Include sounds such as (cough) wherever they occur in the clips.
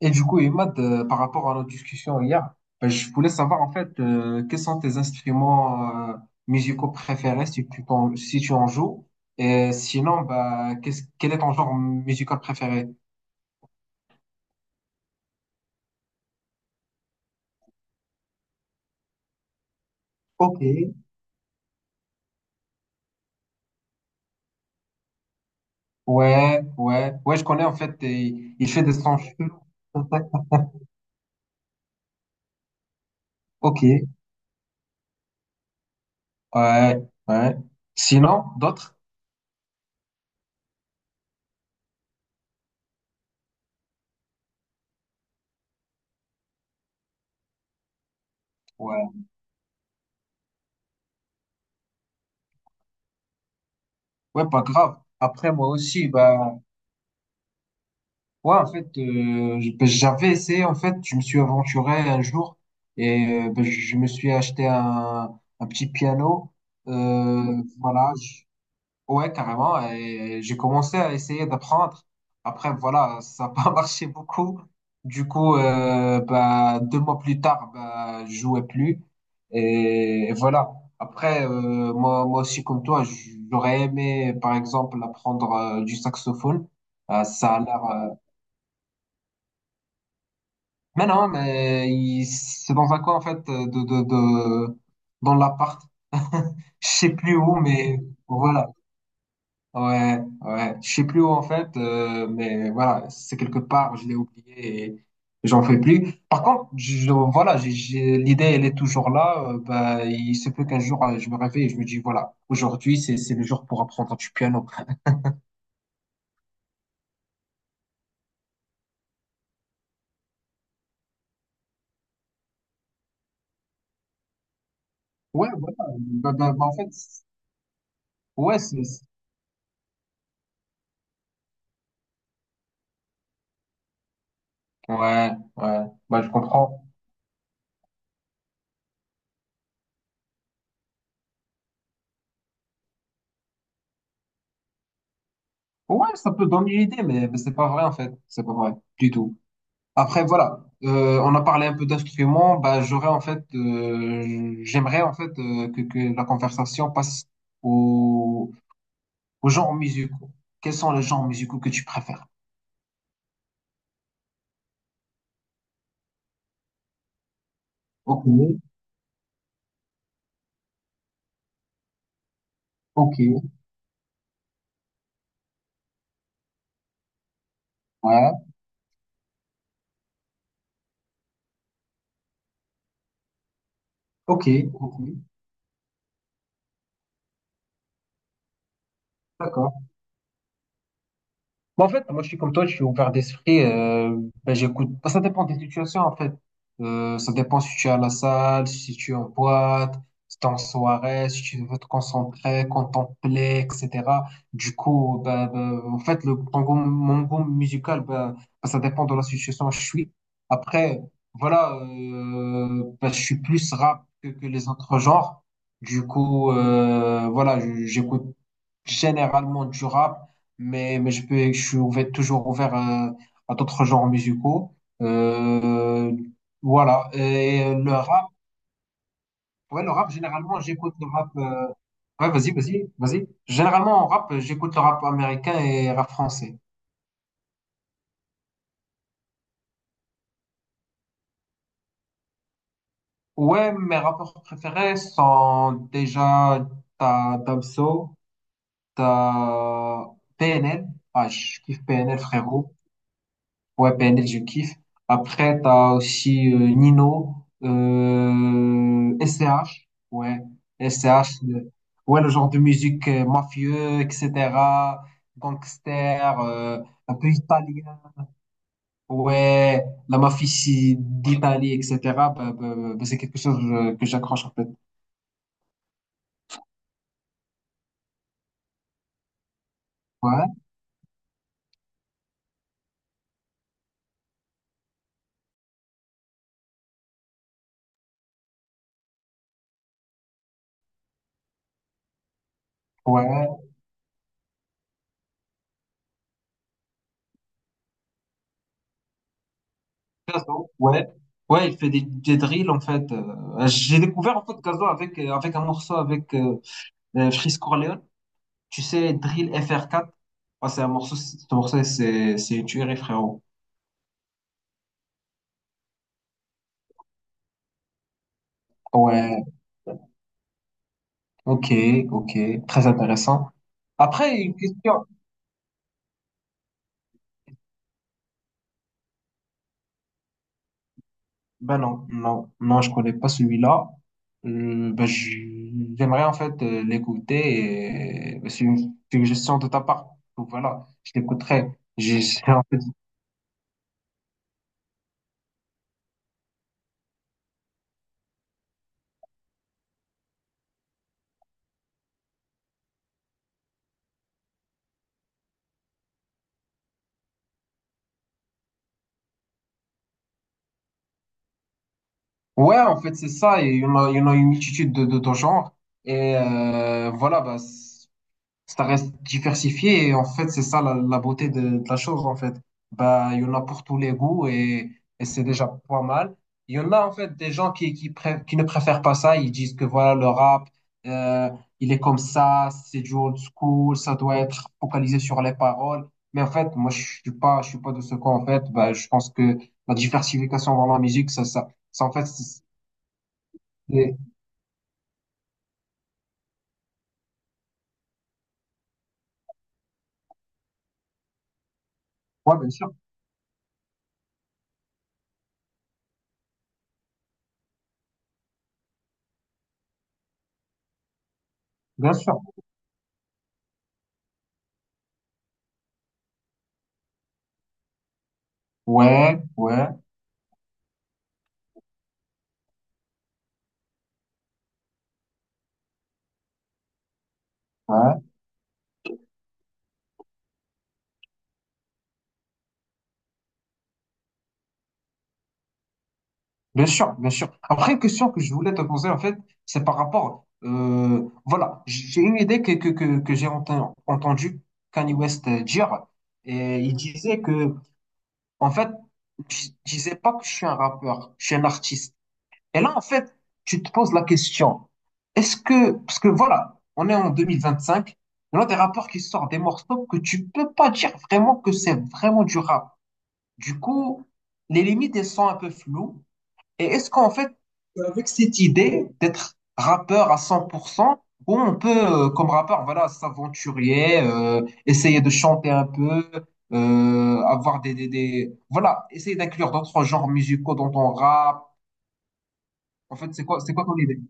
Et du coup, Imad, par rapport à notre discussion hier, ben, je voulais savoir en fait quels sont tes instruments musicaux préférés si tu en joues. Et sinon, bah, quel est ton genre musical préféré? Ok. Ouais, ouais, ouais, je connais en fait, il fait des sons chelous. Ok, ouais, ouais. Sinon, d'autres? Ouais, ouais, pas grave. Après, moi aussi, bah. Ouais, en fait, ben, j'avais essayé, en fait, je me suis aventuré un jour et ben, je me suis acheté un petit piano. Voilà, ouais, carrément, et j'ai commencé à essayer d'apprendre. Après, voilà, ça n'a pas (laughs) marché beaucoup. Du coup, ben, 2 mois plus tard, ben, je jouais plus. Et voilà. Après, moi, moi aussi, comme toi, j'aurais aimé, par exemple, apprendre du saxophone. Ça a l'air. Mais non, mais c'est dans un coin, en fait, de, dans l'appart. (laughs) Je sais plus où, mais voilà. Ouais, ouais. Je sais plus où, en fait, mais voilà, c'est quelque part, je l'ai oublié et j'en fais plus. Par contre, voilà, l'idée, elle est toujours là. Bah, il se peut qu'un jour, je me réveille et je me dis, voilà, aujourd'hui, c'est le jour pour apprendre du piano. Ouais, voilà. Bah, bah, bah, en fait, ouais, ouais, ouais. Bah, je comprends. Ouais, ça peut donner une idée, mais c'est pas vrai en fait. C'est pas vrai du tout. Après, voilà, on a parlé un peu d'instruments. Bah, j'aimerais en fait que la conversation passe au, aux genres musicaux. Quels sont les genres musicaux que tu préfères? Ok, ok, ouais, ok, ok, d'accord. Bon, en fait, moi, je suis comme toi, je suis ouvert d'esprit. Ben, j'écoute. Bah, ça dépend des situations, en fait. Ça dépend si tu es à la salle, si tu es en boîte, si tu es en soirée, si tu veux te concentrer, contempler, etc. Du coup, ben, en fait, mon goût musical, ben, ça dépend de la situation où je suis. Après, voilà, ben, je suis plus rap que les autres genres. Du coup, voilà, j'écoute généralement du rap mais je suis toujours ouvert à d'autres genres musicaux. Euh, voilà. Et le rap, ouais, le rap, généralement, j'écoute le rap. Ouais, vas-y, vas-y, vas-y. Généralement, en rap, j'écoute le rap américain et rap français. Ouais, mes rappeurs préférés sont déjà t'as Damso, t'as PNL. Ah, je kiffe PNL, frérot. Ouais, PNL, je kiffe. Après, t'as aussi Nino, SCH, ouais, SCH, ouais, le genre de musique mafieux, etc., gangster, un peu italien, ouais, la mafia ici d'Italie, etc., bah, bah, bah, bah, c'est quelque chose que j'accroche, en fait. Ouais, ouais, Gazo, ouais. Ouais, il fait des drills en fait. J'ai découvert en fait Gazo avec un morceau avec Freeze Corleone. Tu sais, Drill FR4, ah, c'est un morceau, ce morceau, c'est une tuerie, frérot. Ouais, ok, ok, très intéressant. Après, une question. Ben non, non, non, je connais pas celui-là. Ben, j'aimerais en fait l'écouter et ben, c'est une suggestion de ta part. Donc voilà, je l'écouterai. J'ai- j'ai- en fait- Ouais, en fait, c'est ça. Il y en a une multitude de genres. Et voilà, bah ça reste diversifié et en fait c'est ça la beauté de la chose en fait, bah il y en a pour tous les goûts. Et c'est déjà pas mal. Il y en a en fait des gens qui ne préfèrent pas ça. Ils disent que voilà, le rap euh, il est comme ça, c'est du old school, ça doit être focalisé sur les paroles. Mais en fait, moi, je suis pas de ce camp, en fait. Bah, je pense que la diversification dans la musique, ça, en fait, c'est. Ouais, bien sûr, bien sûr, ouais, ouais, ouais. Bien sûr, bien sûr. Après, une question que je voulais te poser, en fait, c'est par rapport, voilà, j'ai une idée que j'ai entendu Kanye West dire, et il disait que, en fait, je disais pas que je suis un rappeur, je suis un artiste. Et là, en fait, tu te poses la question, parce que voilà, on est en 2025, il y a des rappeurs qui sortent des morceaux que tu peux pas dire vraiment que c'est vraiment du rap. Du coup, les limites, elles sont un peu floues. Et est-ce qu'en fait, avec cette idée d'être rappeur à 100%, où on peut, comme rappeur, voilà, s'aventurer, essayer de chanter un peu, avoir des- voilà, essayer d'inclure d'autres genres musicaux dans ton rap. En fait, c'est quoi, ton idée?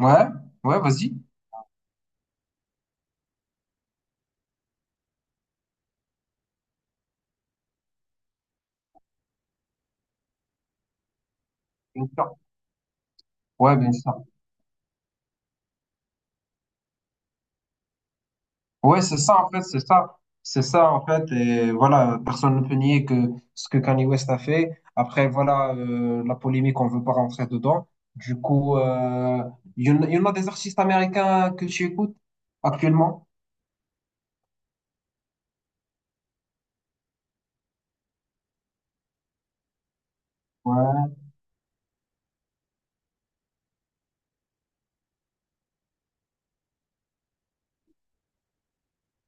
Ouais, ouais, vas-y. Bien sûr. Ouais, bien sûr. Ouais, c'est ça, en fait, c'est ça. C'est ça, en fait. Et voilà, personne ne peut nier que ce que Kanye West a fait. Après, voilà, la polémique, on veut pas rentrer dedans. Du coup, il y en a des artistes américains que tu écoutes actuellement? Ouais,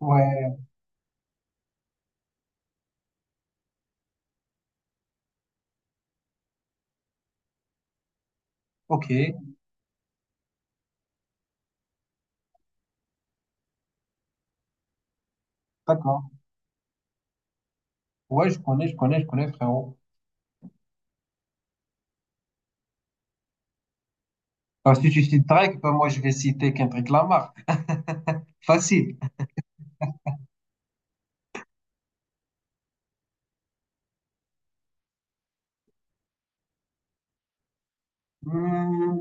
ouais, ok, d'accord. Ouais, je connais, je connais, je connais, frérot. Parce que tu cites Drake, ben moi, je vais citer Kendrick Lamar. Facile. Hmm,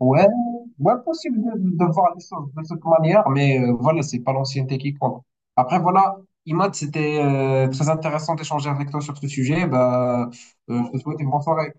ouais, ouais, possible de voir les choses de cette manière, mais voilà, c'est pas l'ancienneté qui compte. Après, voilà, Imad, c'était très intéressant d'échanger avec toi sur ce sujet. Bah, je te souhaite une bonne soirée.